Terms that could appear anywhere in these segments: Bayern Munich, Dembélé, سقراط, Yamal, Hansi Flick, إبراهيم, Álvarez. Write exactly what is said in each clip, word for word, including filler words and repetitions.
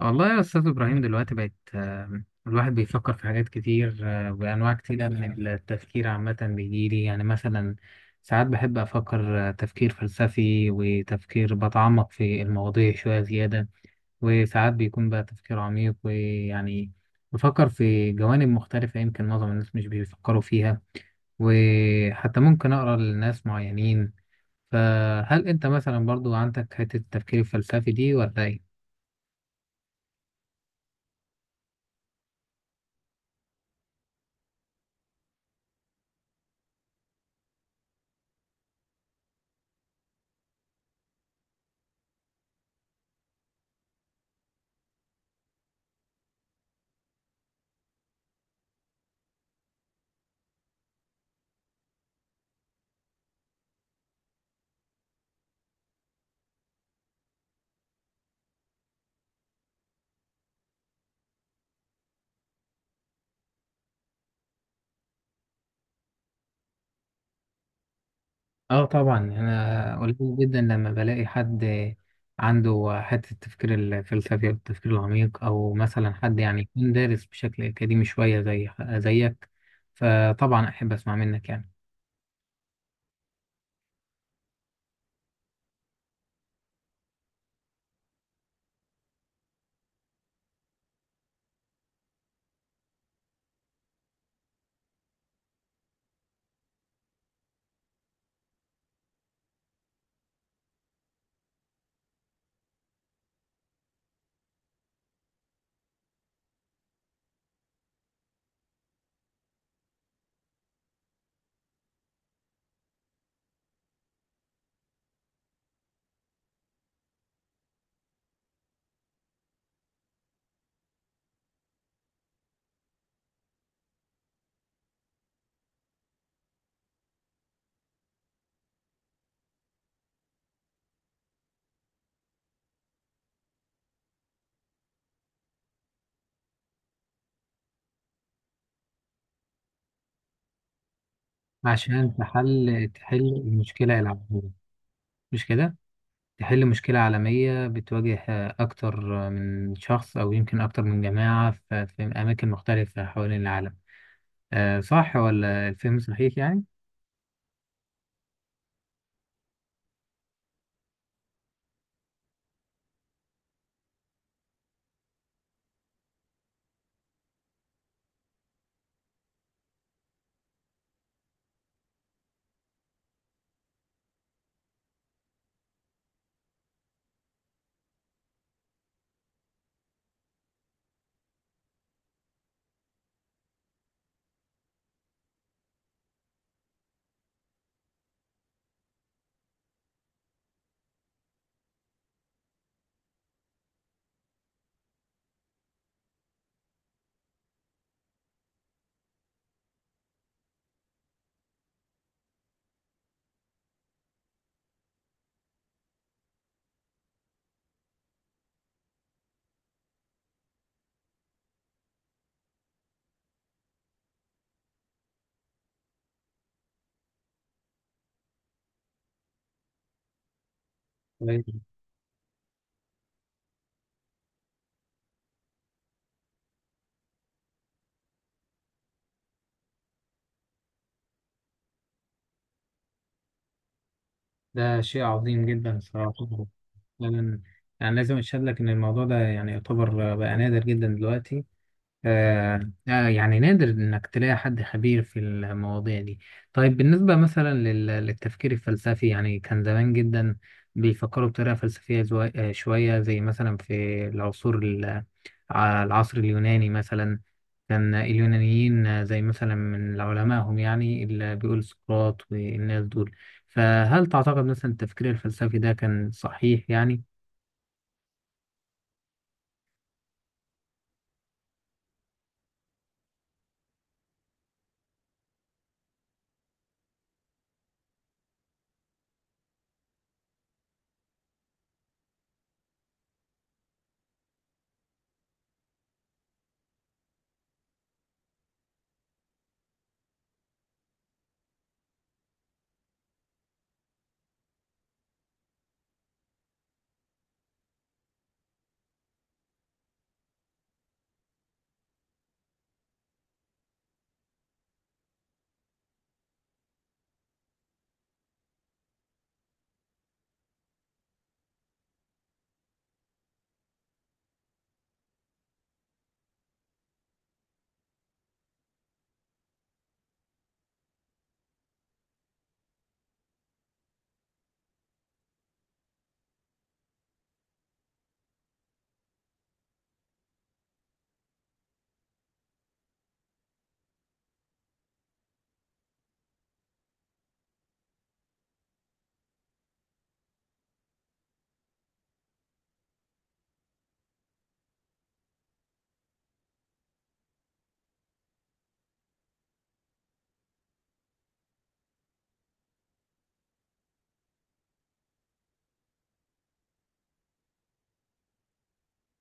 والله يا أستاذ إبراهيم دلوقتي بقت آه، الواحد بيفكر في حاجات كتير، آه، وأنواع كتيرة من التفكير عامة بيجيلي يعني مثلا ساعات بحب أفكر آه، تفكير فلسفي وتفكير بتعمق في المواضيع شوية زيادة. وساعات بيكون بقى تفكير عميق ويعني بفكر في جوانب مختلفة يمكن معظم الناس مش بيفكروا فيها، وحتى ممكن أقرأ لناس معينين. فهل أنت مثلا برضو عندك حتة التفكير الفلسفي دي ولا إيه؟ اه طبعا، انا قليل جدا لما بلاقي حد عنده حته التفكير الفلسفي او التفكير العميق، او مثلا حد يعني يكون دارس بشكل اكاديمي شويه زي زيك. فطبعا احب اسمع منك يعني عشان تحل تحل المشكله العالميه، مش كده؟ تحل مشكله عالميه بتواجه اكتر من شخص او يمكن اكتر من جماعه ف- في اماكن مختلفه حوالين العالم. آه، صح ولا الفهم صحيح يعني؟ طيب، ده شيء عظيم جدا الصراحة، فعلا. يعني لازم أشهد لك إن الموضوع ده يعني يعتبر بقى نادر جدا دلوقتي. آه آه، يعني نادر إنك تلاقي حد خبير في المواضيع دي. طيب بالنسبة مثلا لل- للتفكير الفلسفي، يعني كان زمان جدا بيفكروا بطريقة فلسفية زو- آه، شوية زي مثلا في العصور ال- ع- العصر اليوناني مثلا. كان اليونانيين آه، زي مثلا من علمائهم يعني اللي بيقول سقراط والناس دول. فهل تعتقد مثلا التفكير الفلسفي ده كان صحيح يعني؟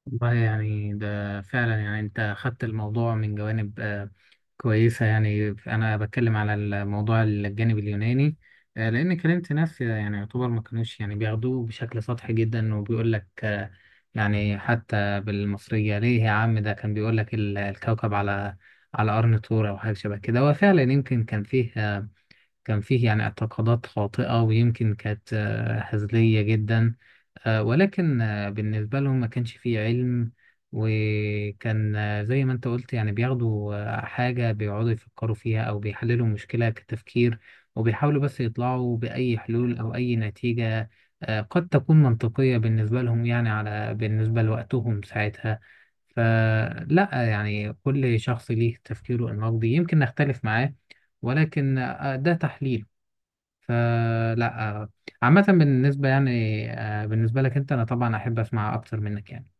والله يعني ده فعلا، يعني انت خدت الموضوع من جوانب آه، كويسة. يعني انا بتكلم على الموضوع الجانب اليوناني، آه، لان كلمت ناس يعني يعتبر ما كانوش يعني بياخدوه بشكل سطحي جدا، وبيقول لك آه، يعني حتى بالمصرية ليه يا عم، ده كان بيقول لك ال- الكوكب على على قرن طور او حاجة شبه كده. وفعلا يمكن كان فيه آه، كان فيه يعني اعتقادات خاطئة، ويمكن كانت آه، هزلية جدا، آه، ولكن آه، بالنسبة لهم ما كانش فيه علم. وكان آه، زي ما انت قلت، يعني بياخدوا آه، حاجة بيقعدوا يفكروا فيها أو بيحللوا مشكلة كتفكير، وبيحاولوا بس يطلعوا بأي حلول أو أي نتيجة آه، قد تكون منطقية بالنسبة لهم، يعني على بالنسبة لوقتهم ساعتها. فلا يعني كل شخص ليه تفكيره النقدي، يمكن نختلف معاه ولكن آه، ده تحليل. فلا آه، عامة بالنسبة يعني آه، بالنسبة لك انت، انا طبعا احب اسمع اكتر منك يعني.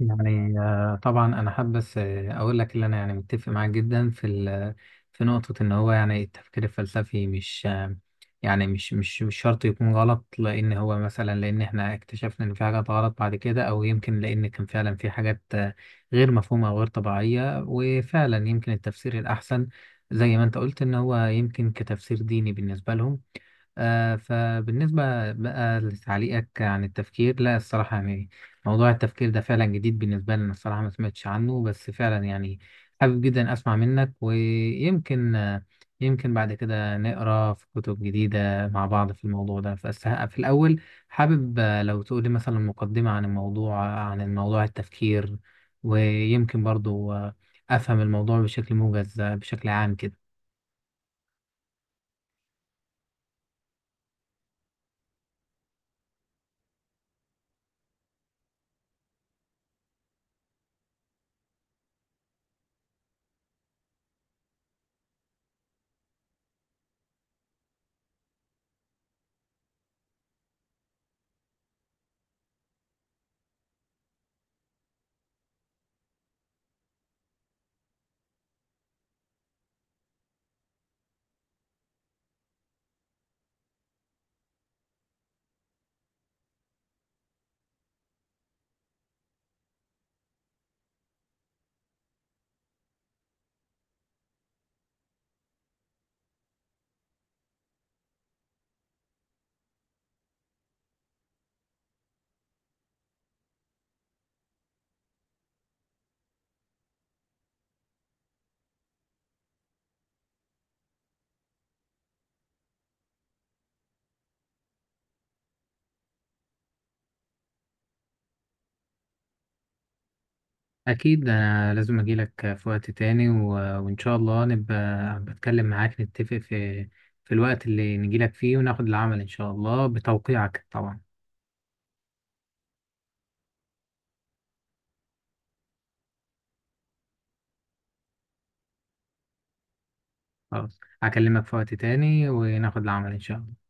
يعني آه، طبعا انا حابب بس آه، اقول لك اللي انا يعني متفق معاك جدا في ال- في نقطة ان هو يعني التفكير الفلسفي مش آه، يعني مش مش مش شرط يكون غلط، لان هو مثلا لان احنا اكتشفنا ان في حاجات غلط بعد كده، او يمكن لان كان فعلا في حاجات آه، غير مفهومة او غير طبيعية، وفعلا يمكن التفسير الاحسن زي ما انت قلت ان هو يمكن كتفسير ديني بالنسبة لهم. آه، فبالنسبة بقى لتعليقك عن التفكير، لا الصراحة يعني موضوع التفكير ده فعلا جديد بالنسبة لنا الصراحة، ما سمعتش عنه، بس فعلا يعني حابب جدا أسمع منك. ويمكن آه، يمكن بعد كده نقرأ في كتب جديدة مع بعض في الموضوع ده، بس ه- في الأول حابب آه، لو تقولي مثلا مقدمة عن الموضوع عن الموضوع التفكير، ويمكن برضو آه، أفهم الموضوع بشكل موجز، آه، بشكل عام كده. أكيد أنا لازم أجيلك في وقت تاني، و... وإن شاء الله نبقى بتكلم معاك، نتفق في في الوقت اللي نجيلك فيه، وناخد العمل إن شاء الله بتوقيعك طبعا. خلاص هكلمك في وقت تاني وناخد العمل إن شاء الله.